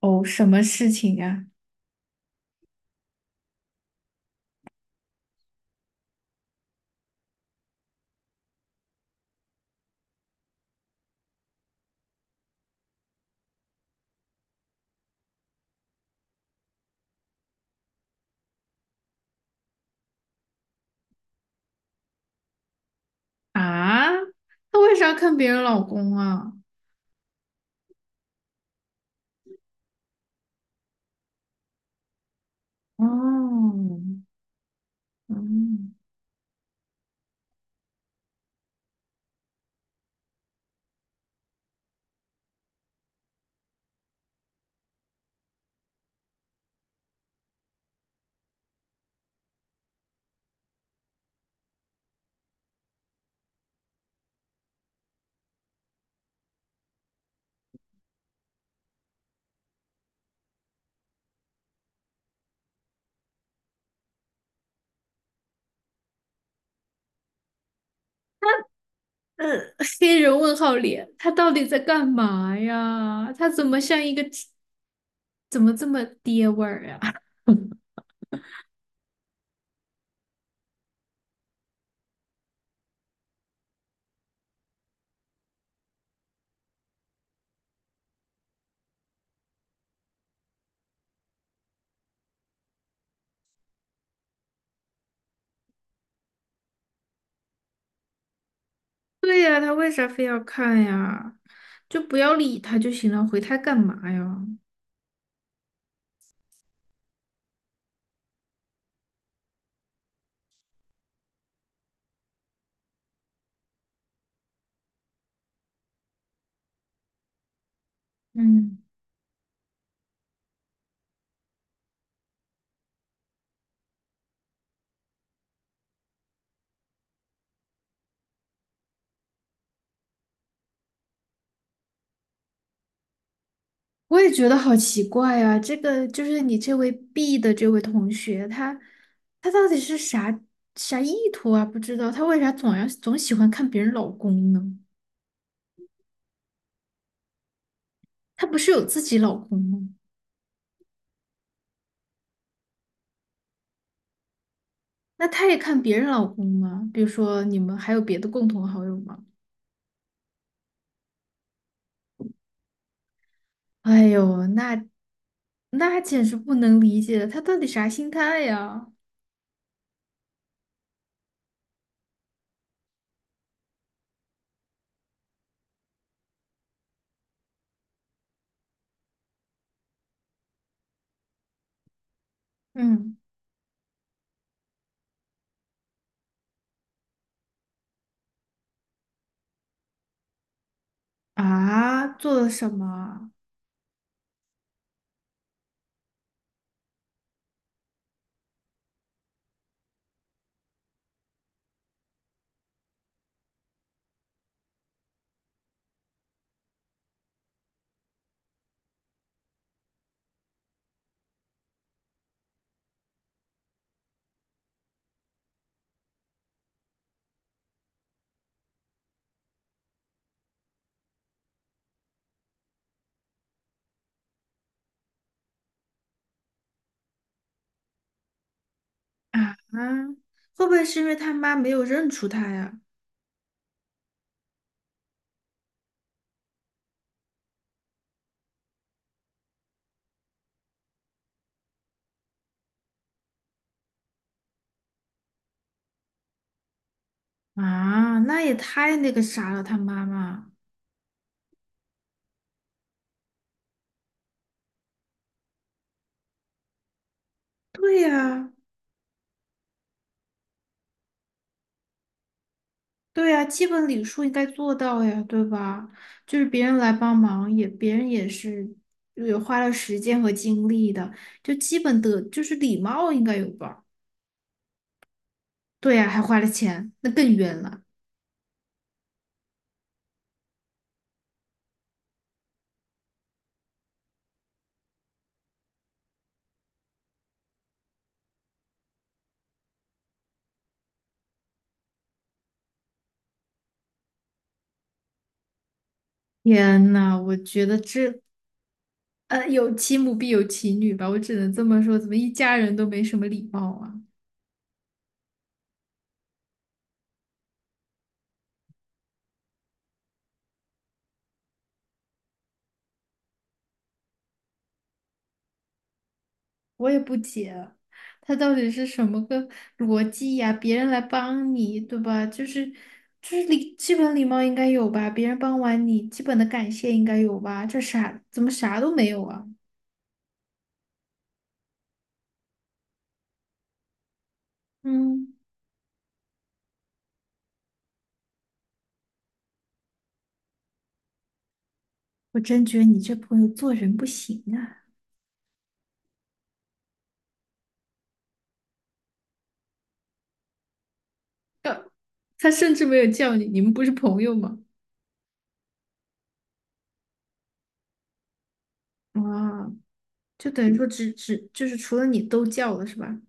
哦，什么事情呀？啊，他为啥看别人老公啊？哦，嗯，呃，黑人问号脸，他到底在干嘛呀？他怎么像一个，怎么这么爹味儿呀？对呀，他为啥非要看呀？就不要理他就行了，回他干嘛呀？嗯。我也觉得好奇怪啊，这个就是你这位 B 的这位同学，他到底是啥意图啊？不知道他为啥总喜欢看别人老公呢？他不是有自己老公吗？那他也看别人老公吗？比如说你们还有别的共同好友吗？哎呦，那简直不能理解了，他到底啥心态呀？嗯啊，做了什么啊？啊，会不会是因为他妈没有认出他呀？啊，那也太那个啥了，他妈妈。对呀，对呀，基本礼数应该做到呀，对吧？就是别人来帮忙也，别人也是也花了时间和精力的，就基本的就是礼貌应该有吧？对呀，还花了钱，那更冤了。天呐，我觉得这有其母必有其女吧，我只能这么说，怎么一家人都没什么礼貌啊？我也不解啊，他到底是什么个逻辑呀？别人来帮你，对吧？就是礼，基本礼貌应该有吧？别人帮完你，基本的感谢应该有吧？这啥，怎么啥都没有啊？嗯，我真觉得你这朋友做人不行啊！他甚至没有叫你，你们不是朋友吗？啊，就等于说只就是除了你都叫了是吧？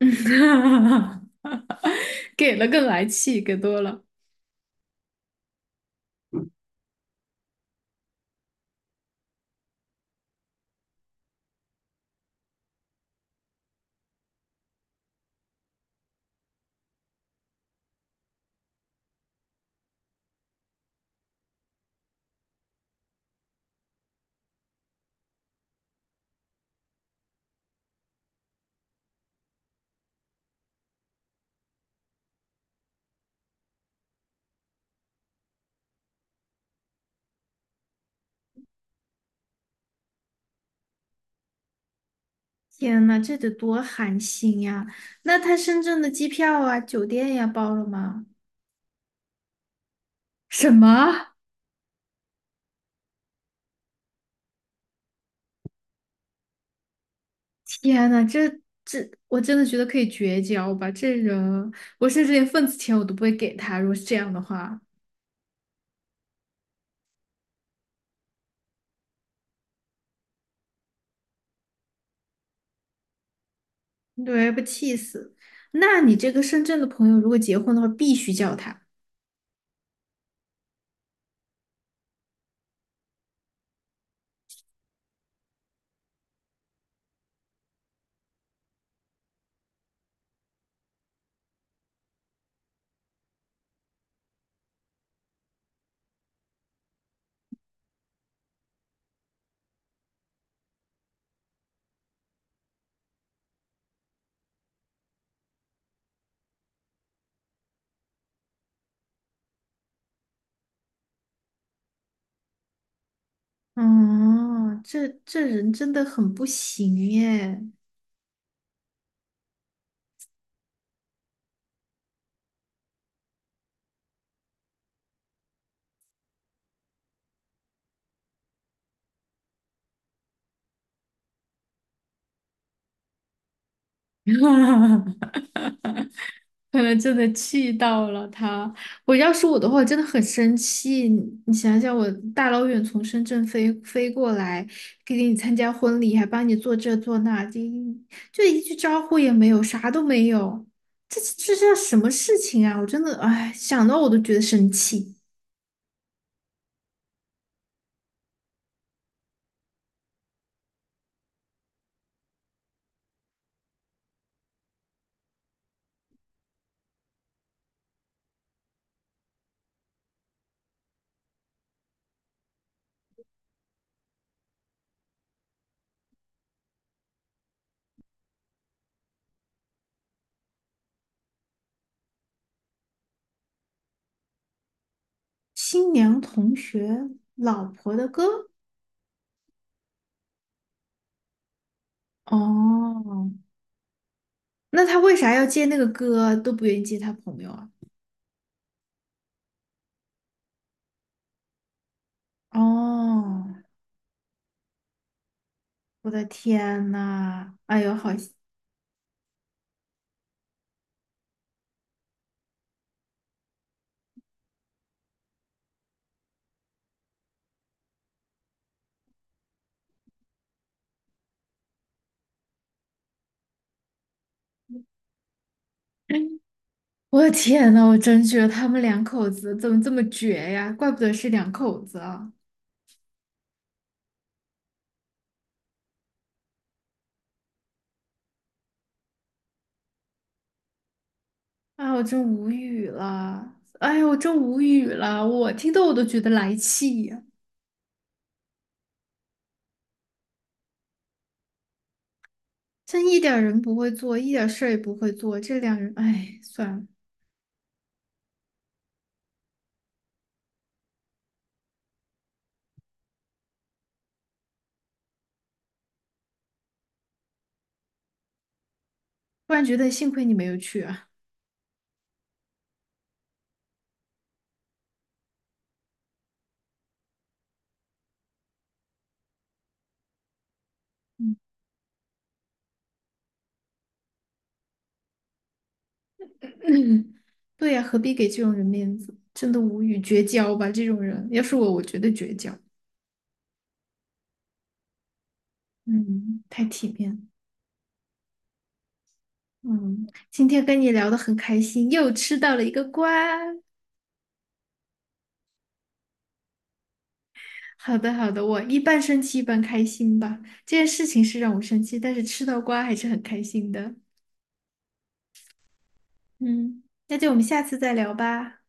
嗯，给了更来气，给多了。天呐，这得多寒心呀！那他深圳的机票啊、酒店呀包了吗？什么？天呐，这这，我真的觉得可以绝交吧！这人，我甚至连份子钱我都不会给他。如果是这样的话，对，不气死。那你这个深圳的朋友，如果结婚的话，必须叫他。哦，这这人真的很不行耶。可能真的气到了他。我要是我的话，我真的很生气。你你想想，我大老远从深圳飞过来，给你参加婚礼，还帮你做这做那，就一句招呼也没有，啥都没有。这这叫什么事情啊？我真的，哎，想到我都觉得生气。新娘同学老婆的歌，哦，那他为啥要接那个歌？都不愿意接他朋友啊？哦。我的天呐，哎呦，好心我的天呐，我真觉得他们两口子怎么这么绝呀？怪不得是两口子啊！哎，我真无语了，哎呦，我真无语了，我听得我都觉得来气呀、真一点儿人不会做，一点事儿也不会做，这两人，哎，算了，突然觉得幸亏你没有去啊。嗯，对呀、何必给这种人面子？真的无语，绝交吧，这种人，要是我，我绝对绝交。嗯，太体面了。嗯，今天跟你聊的很开心，又吃到了一个瓜。好的，好的，我一半生气一半开心吧。这件事情是让我生气，但是吃到瓜还是很开心的。嗯，那就我们下次再聊吧。